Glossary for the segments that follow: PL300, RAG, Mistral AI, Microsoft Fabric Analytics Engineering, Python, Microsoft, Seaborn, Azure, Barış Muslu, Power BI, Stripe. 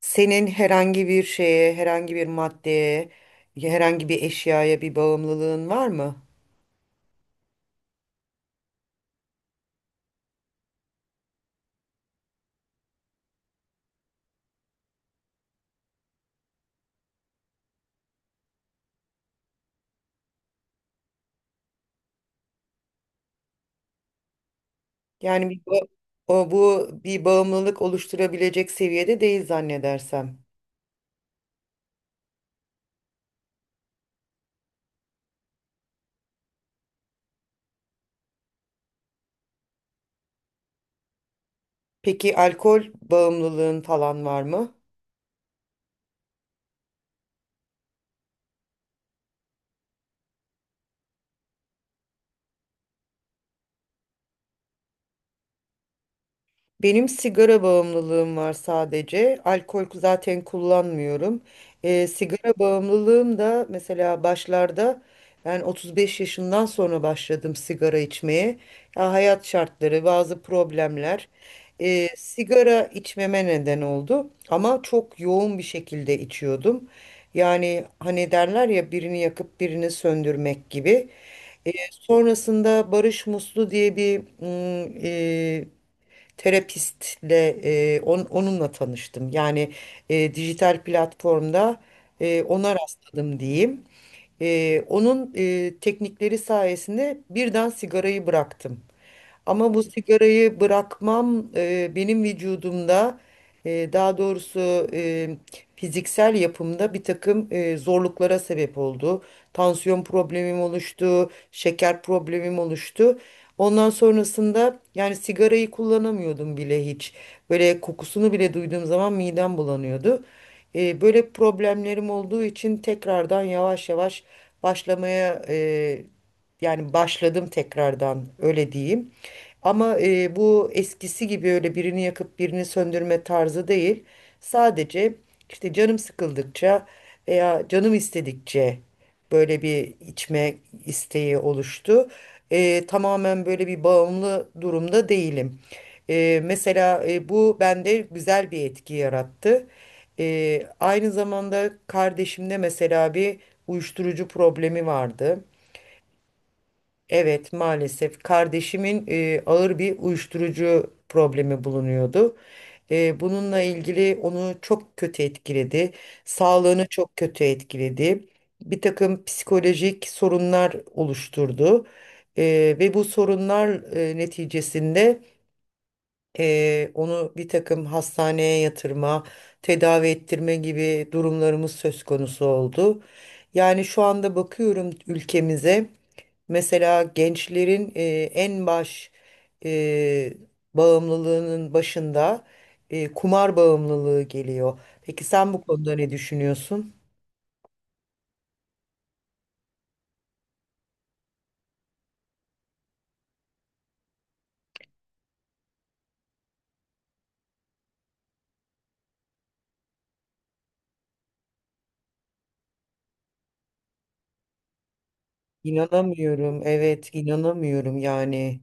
Senin herhangi bir şeye, herhangi bir maddeye, herhangi bir eşyaya bir bağımlılığın var mı? Yani bir, ba- bu bir bağımlılık oluşturabilecek seviyede değil zannedersem. Peki alkol bağımlılığın falan var mı? Benim sigara bağımlılığım var sadece. Alkol zaten kullanmıyorum. Sigara bağımlılığım da mesela başlarda ben 35 yaşından sonra başladım sigara içmeye. Ya hayat şartları, bazı problemler sigara içmeme neden oldu. Ama çok yoğun bir şekilde içiyordum. Yani hani derler ya birini yakıp birini söndürmek gibi. E, sonrasında Barış Muslu diye bir terapistle onunla tanıştım. Yani dijital platformda ona rastladım diyeyim. Onun teknikleri sayesinde birden sigarayı bıraktım. Ama bu sigarayı bırakmam benim vücudumda e, daha doğrusu e, fiziksel yapımda bir takım zorluklara sebep oldu. Tansiyon problemim oluştu, şeker problemim oluştu. Ondan sonrasında yani sigarayı kullanamıyordum bile hiç. Böyle kokusunu bile duyduğum zaman midem bulanıyordu. Böyle problemlerim olduğu için tekrardan yavaş yavaş başlamaya yani başladım tekrardan öyle diyeyim. Ama bu eskisi gibi öyle birini yakıp birini söndürme tarzı değil. Sadece işte canım sıkıldıkça veya canım istedikçe böyle bir içme isteği oluştu. Tamamen böyle bir bağımlı durumda değilim. Mesela bu bende güzel bir etki yarattı. Aynı zamanda kardeşimde mesela bir uyuşturucu problemi vardı. Evet, maalesef kardeşimin ağır bir uyuşturucu problemi bulunuyordu. Bununla ilgili onu çok kötü etkiledi. Sağlığını çok kötü etkiledi. Bir takım psikolojik sorunlar oluşturdu. Ve bu sorunlar neticesinde onu bir takım hastaneye yatırma, tedavi ettirme gibi durumlarımız söz konusu oldu. Yani şu anda bakıyorum ülkemize. Mesela gençlerin en baş e, bağımlılığının başında kumar bağımlılığı geliyor. Peki sen bu konuda ne düşünüyorsun? İnanamıyorum. Evet, inanamıyorum yani.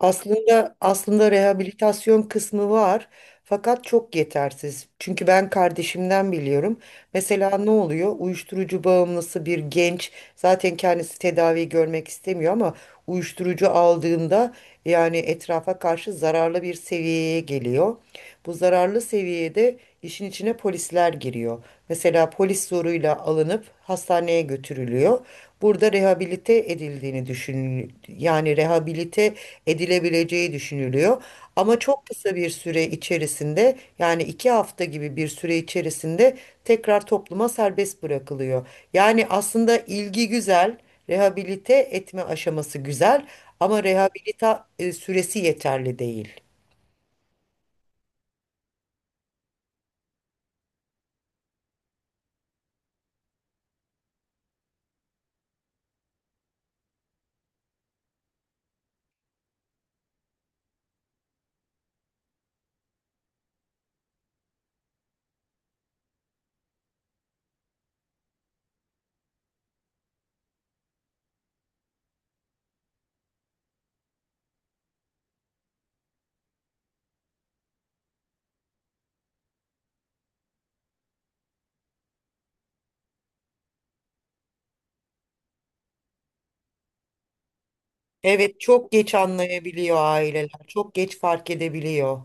Aslında rehabilitasyon kısmı var. Fakat çok yetersiz. Çünkü ben kardeşimden biliyorum. Mesela ne oluyor? Uyuşturucu bağımlısı bir genç zaten kendisi tedavi görmek istemiyor ama uyuşturucu aldığında yani etrafa karşı zararlı bir seviyeye geliyor. Bu zararlı seviyede işin içine polisler giriyor. Mesela polis zoruyla alınıp hastaneye götürülüyor. Burada rehabilite edildiğini düşün, yani rehabilite edilebileceği düşünülüyor. Ama çok kısa bir süre içerisinde, yani 2 hafta gibi bir süre içerisinde, tekrar topluma serbest bırakılıyor. Yani aslında ilgi güzel, rehabilite etme aşaması güzel ama süresi yeterli değil. Evet, çok geç anlayabiliyor aileler, çok geç fark edebiliyor.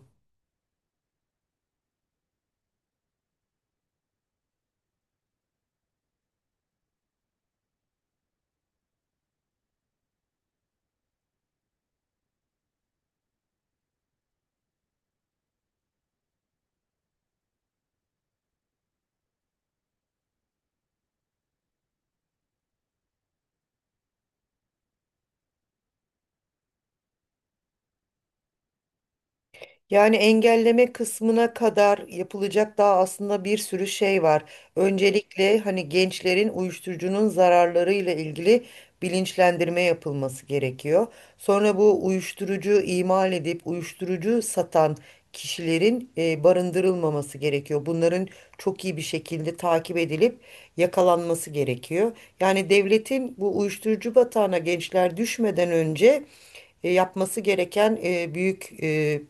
Yani engelleme kısmına kadar yapılacak daha aslında bir sürü şey var. Öncelikle hani gençlerin uyuşturucunun zararlarıyla ilgili bilinçlendirme yapılması gerekiyor. Sonra bu uyuşturucu imal edip uyuşturucu satan kişilerin barındırılmaması gerekiyor. Bunların çok iyi bir şekilde takip edilip yakalanması gerekiyor. Yani devletin bu uyuşturucu batağına gençler düşmeden önce yapması gereken büyük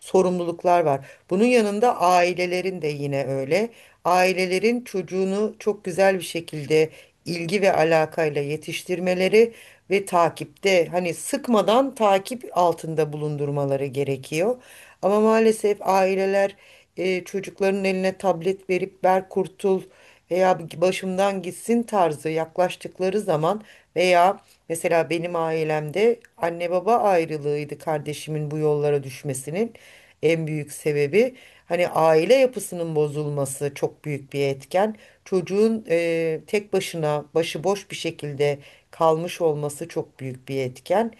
sorumluluklar var. Bunun yanında ailelerin de yine öyle. Ailelerin çocuğunu çok güzel bir şekilde ilgi ve alakayla yetiştirmeleri ve takipte hani sıkmadan takip altında bulundurmaları gerekiyor. Ama maalesef aileler çocukların eline tablet verip ver kurtul veya başımdan gitsin tarzı yaklaştıkları zaman veya mesela benim ailemde anne baba ayrılığıydı kardeşimin bu yollara düşmesinin en büyük sebebi. Hani aile yapısının bozulması çok büyük bir etken. Çocuğun tek başına başıboş bir şekilde kalmış olması çok büyük bir etken.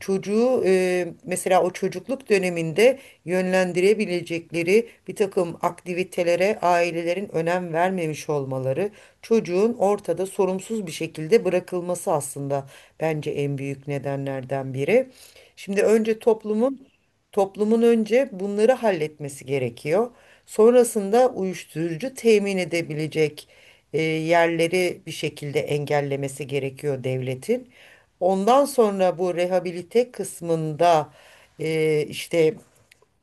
Çocuğu mesela o çocukluk döneminde yönlendirebilecekleri bir takım aktivitelere ailelerin önem vermemiş olmaları, çocuğun ortada sorumsuz bir şekilde bırakılması aslında bence en büyük nedenlerden biri. Şimdi önce toplumun Toplumun önce bunları halletmesi gerekiyor. Sonrasında uyuşturucu temin edebilecek yerleri bir şekilde engellemesi gerekiyor devletin. Ondan sonra bu rehabilite kısmında işte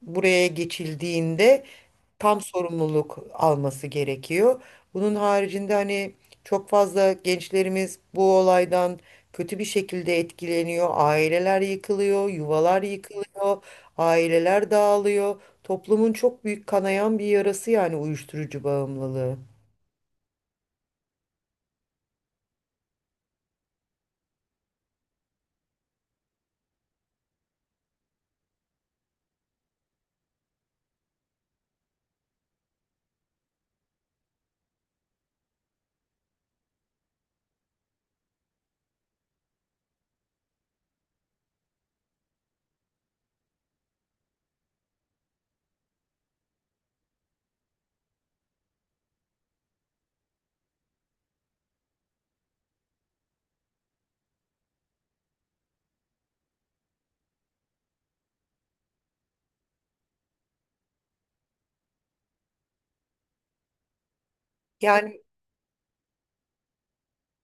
buraya geçildiğinde tam sorumluluk alması gerekiyor. Bunun haricinde hani çok fazla gençlerimiz bu olaydan kötü bir şekilde etkileniyor. Aileler yıkılıyor, yuvalar yıkılıyor, aileler dağılıyor. Toplumun çok büyük kanayan bir yarası yani uyuşturucu bağımlılığı. Yani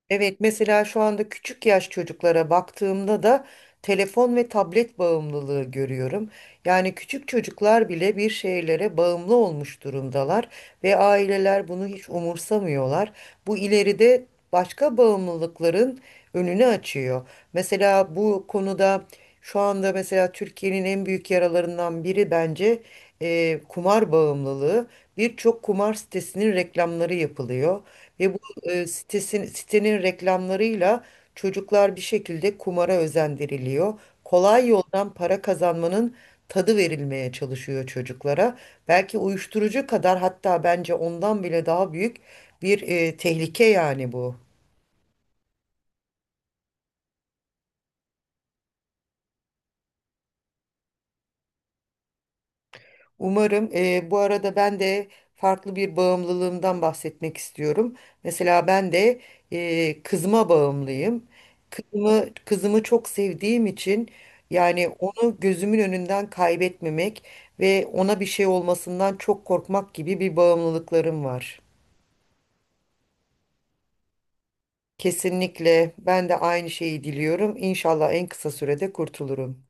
Evet, mesela şu anda küçük yaş çocuklara baktığımda da telefon ve tablet bağımlılığı görüyorum. Yani küçük çocuklar bile bir şeylere bağımlı olmuş durumdalar ve aileler bunu hiç umursamıyorlar. Bu ileride başka bağımlılıkların önünü açıyor. Mesela bu konuda şu anda mesela Türkiye'nin en büyük yaralarından biri bence kumar bağımlılığı. Birçok kumar sitesinin reklamları yapılıyor. Ve sitenin reklamlarıyla çocuklar bir şekilde kumara özendiriliyor. Kolay yoldan para kazanmanın tadı verilmeye çalışıyor çocuklara. Belki uyuşturucu kadar, hatta bence ondan bile daha büyük bir tehlike yani bu. Umarım bu arada ben de farklı bir bağımlılığımdan bahsetmek istiyorum. Mesela ben de kızıma bağımlıyım. Kızımı çok sevdiğim için yani onu gözümün önünden kaybetmemek ve ona bir şey olmasından çok korkmak gibi bir bağımlılıklarım var. Kesinlikle ben de aynı şeyi diliyorum. İnşallah en kısa sürede kurtulurum.